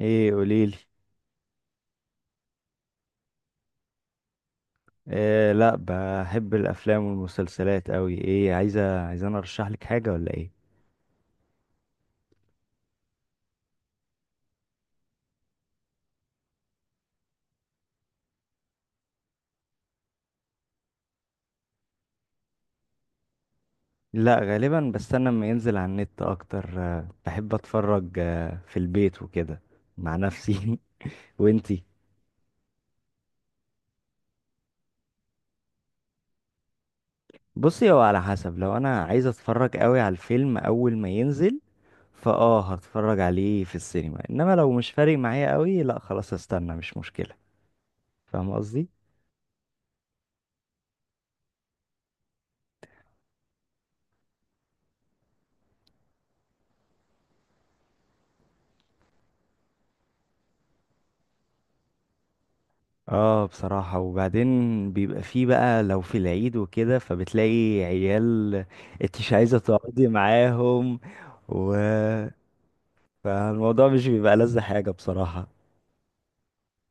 ايه، قوليلي. إيه، لا، بحب الافلام والمسلسلات قوي. ايه، عايزه انا ارشح لك حاجه ولا ايه؟ لا، غالبا بستنى اما ينزل على النت اكتر. بحب اتفرج في البيت وكده. مع نفسي. وانتي؟ بصي، هو على حسب. لو انا عايز اتفرج قوي على الفيلم اول ما ينزل هتفرج عليه في السينما، انما لو مش فارق معايا قوي، لا خلاص استنى، مش مشكله. فاهم قصدي؟ اه، بصراحة. وبعدين بيبقى فيه بقى لو في العيد وكده فبتلاقي عيال انت مش عايزة تقعدي معاهم. و. فالموضوع مش بيبقى لذة حاجة بصراحة.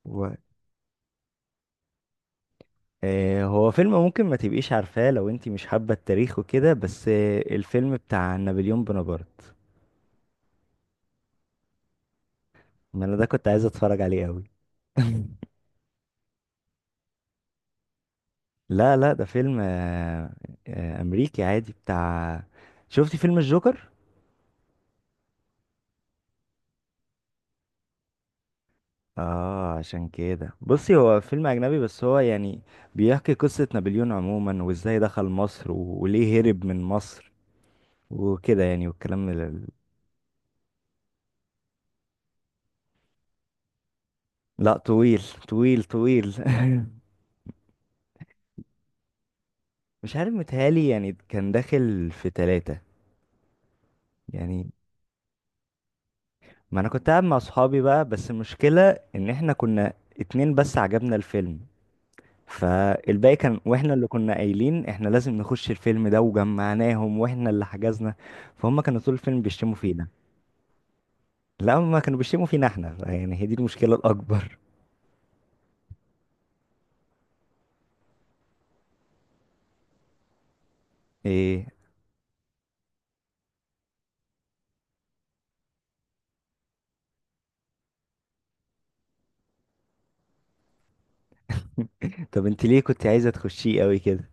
و... هو فيلم ممكن ما تبقيش عارفاه لو انت مش حابة التاريخ وكده، بس الفيلم بتاع نابليون بونابرت. ما انا ده كنت عايز اتفرج عليه قوي. لا لا، ده فيلم امريكي عادي بتاع. شفتي فيلم الجوكر؟ اه، عشان كده بصي، هو فيلم اجنبي بس هو يعني بيحكي قصة نابليون عموما وازاي دخل مصر وليه هرب من مصر وكده يعني، والكلام. لا، طويل. طويل طويل. مش عارف، متهيألي يعني كان داخل في 3. يعني، ما انا كنت قاعد مع صحابي بقى، بس المشكلة ان احنا كنا 2 بس عجبنا الفيلم. فالباقي كان، واحنا اللي كنا قايلين احنا لازم نخش الفيلم ده وجمعناهم واحنا اللي حجزنا. فهم كانوا طول الفيلم بيشتموا فينا. لا، ما كانوا بيشتموا فينا احنا يعني، هي دي المشكلة الأكبر. ايه؟ طب انت ليه كنت عايزة تخشيه قوي كده؟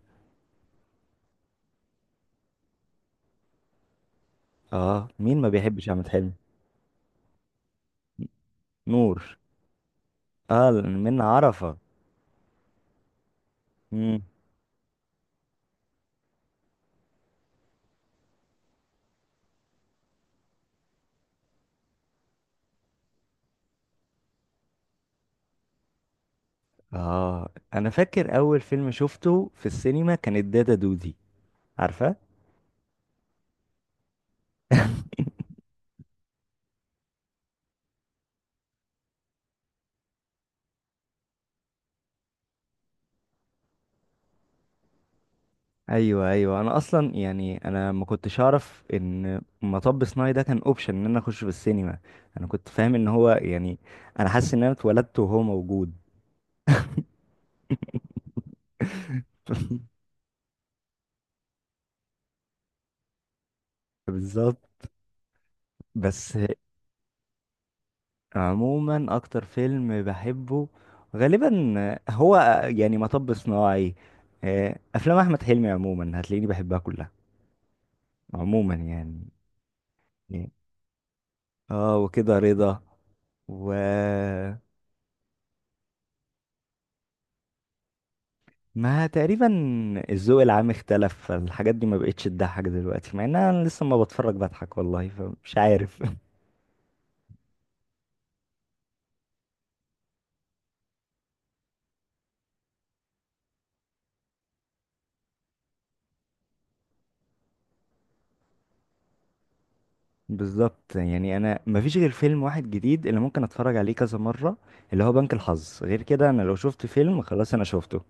اه، مين ما بيحبش أحمد حلمي. نور. اه، من عرفة. مم. اه، انا فاكر اول فيلم شفته في السينما كان الدادا دودي. عارفة؟ ايوه، ايوه، انا اصلا يعني انا ما كنتش اعرف ان مطب صناعي ده كان اوبشن ان انا اخش في السينما. انا كنت فاهم ان هو يعني انا حاسس ان انا اتولدت وهو موجود. بالظبط. بس عموما اكتر فيلم بحبه غالبا هو يعني مطب صناعي. افلام احمد حلمي عموما هتلاقيني بحبها كلها عموما يعني. يعني. اه، وكده رضا. و. ما تقريبا الذوق العام اختلف فالحاجات دي ما بقتش تضحك دلوقتي، مع ان انا لسه ما بتفرج بضحك والله، فمش عارف. بالظبط، يعني انا ما فيش غير فيلم واحد جديد اللي ممكن اتفرج عليه كذا مرة، اللي هو بنك الحظ. غير كده انا لو شفت فيلم خلاص انا شفته.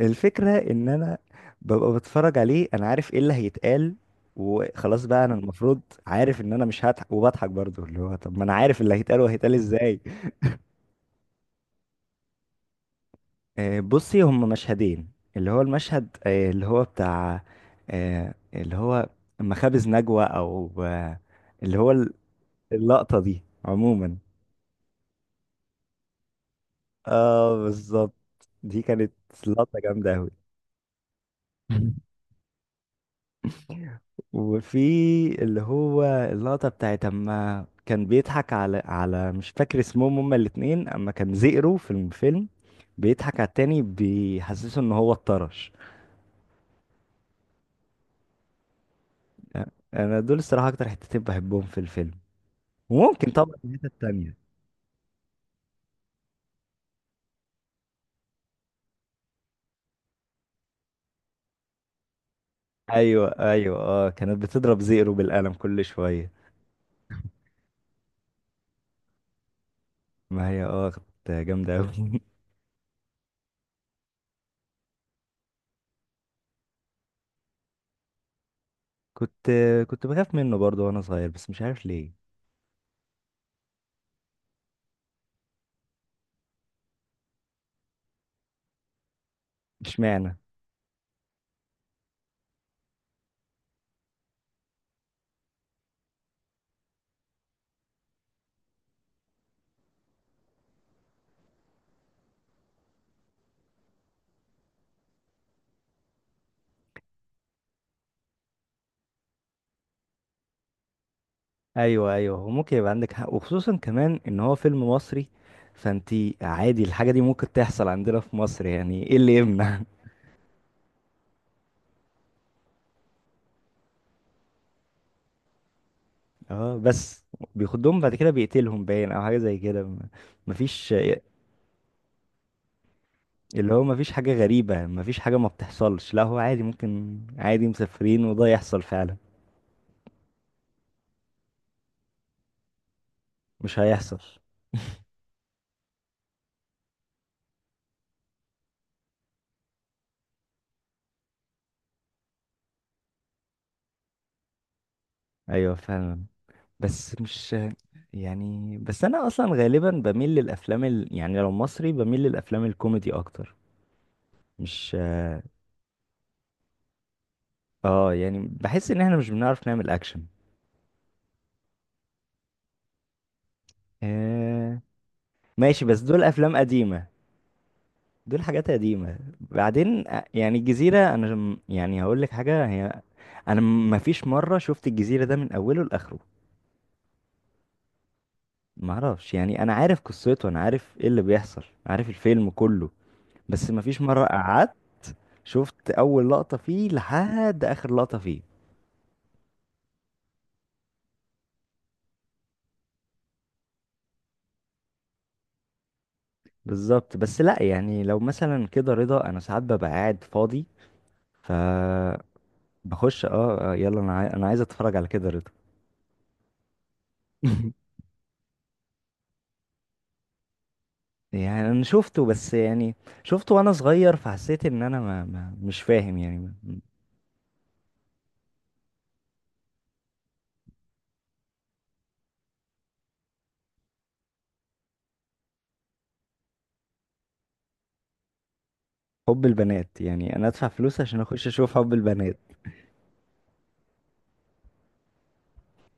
الفكرة ان انا ببقى بتفرج عليه انا عارف ايه اللي هيتقال وخلاص بقى. انا المفروض عارف ان انا مش هضحك وبضحك برضو، اللي هو طب ما انا عارف اللي هيتقال وهيتقال ازاي. بصي، هم مشهدين. اللي هو المشهد اللي هو بتاع اللي هو مخابز نجوى، او اللي هو اللقطة دي عموما. اه، بالظبط. دي كانت لقطة جامدة أوي. وفي اللي هو اللقطة بتاعت اما كان بيضحك على مش فاكر اسمهم هما الاتنين، اما كان زئرو في الفيلم بيضحك على التاني بيحسسه ان هو اتطرش. انا دول الصراحة اكتر حتتين بحبهم في الفيلم. وممكن طبعا الحتة التانية. ايوه، ايوه، اه، كانت بتضرب زئرو بالقلم كل شوية. ما هي اه، كانت جامدة اوي. كنت كنت بخاف منه برضه وانا صغير، بس مش عارف ليه. اشمعنى؟ ايوه، ايوه، هو ممكن يبقى عندك حق، وخصوصا كمان ان هو فيلم مصري. فانتي عادي الحاجه دي ممكن تحصل عندنا في مصر، يعني ايه اللي يمنع. اه بس بيخدهم بعد كده بيقتلهم باين او حاجه زي كده. مفيش. اللي هو مفيش حاجه غريبه، مفيش حاجه ما بتحصلش، لا هو عادي، ممكن عادي مسافرين وده يحصل فعلا. مش هيحصل. ايوه، فعلا. بس مش، يعني بس انا اصلا غالبا بميل للافلام يعني لو مصري بميل للافلام الكوميدي اكتر. مش اه، يعني بحس ان احنا مش بنعرف نعمل اكشن. آه. ماشي بس دول افلام قديمة. دول حاجات قديمة. بعدين يعني الجزيرة انا يعني هقول لك حاجة. هي انا ما فيش مرة شفت الجزيرة ده من اوله لاخره. ما اعرفش، يعني انا عارف قصته، انا عارف ايه اللي بيحصل، عارف الفيلم كله، بس ما فيش مرة قعدت شفت اول لقطة فيه لحد اخر لقطة فيه. بالظبط. بس لا يعني لو مثلا كده رضا انا ساعات ببقى قاعد فاضي، ف بخش اه، يلا انا انا عايز اتفرج على كده رضا. يعني انا شفته بس يعني شفته وانا صغير فحسيت ان انا ما... ما... مش فاهم يعني. حب البنات؟ يعني انا ادفع فلوس عشان اخش اشوف حب البنات؟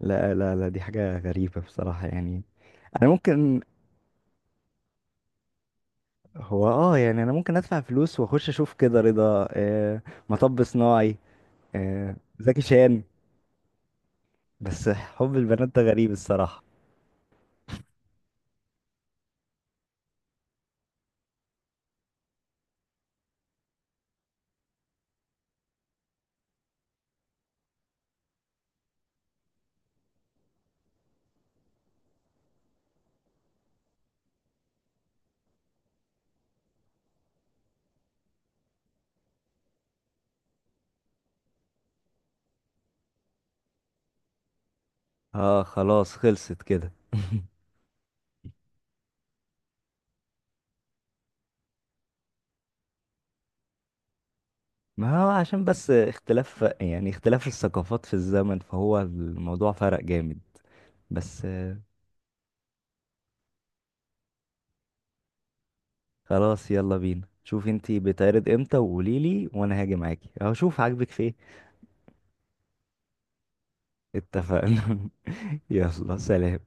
لا لا لا، دي حاجة غريبة بصراحة يعني. انا ممكن، هو اه، يعني انا ممكن ادفع فلوس واخش اشوف كده رضا، مطب صناعي، زكي شان. بس حب البنات ده غريب الصراحة. اه خلاص، خلصت كده. ما هو عشان بس اختلاف، يعني اختلاف الثقافات في الزمن، فهو الموضوع فرق جامد. بس، خلاص يلا بينا. شوف انتي بتعرض امتى وقوليلي وانا هاجي معاكي هشوف عاجبك في ايه. اتفقنا. يلا سلام.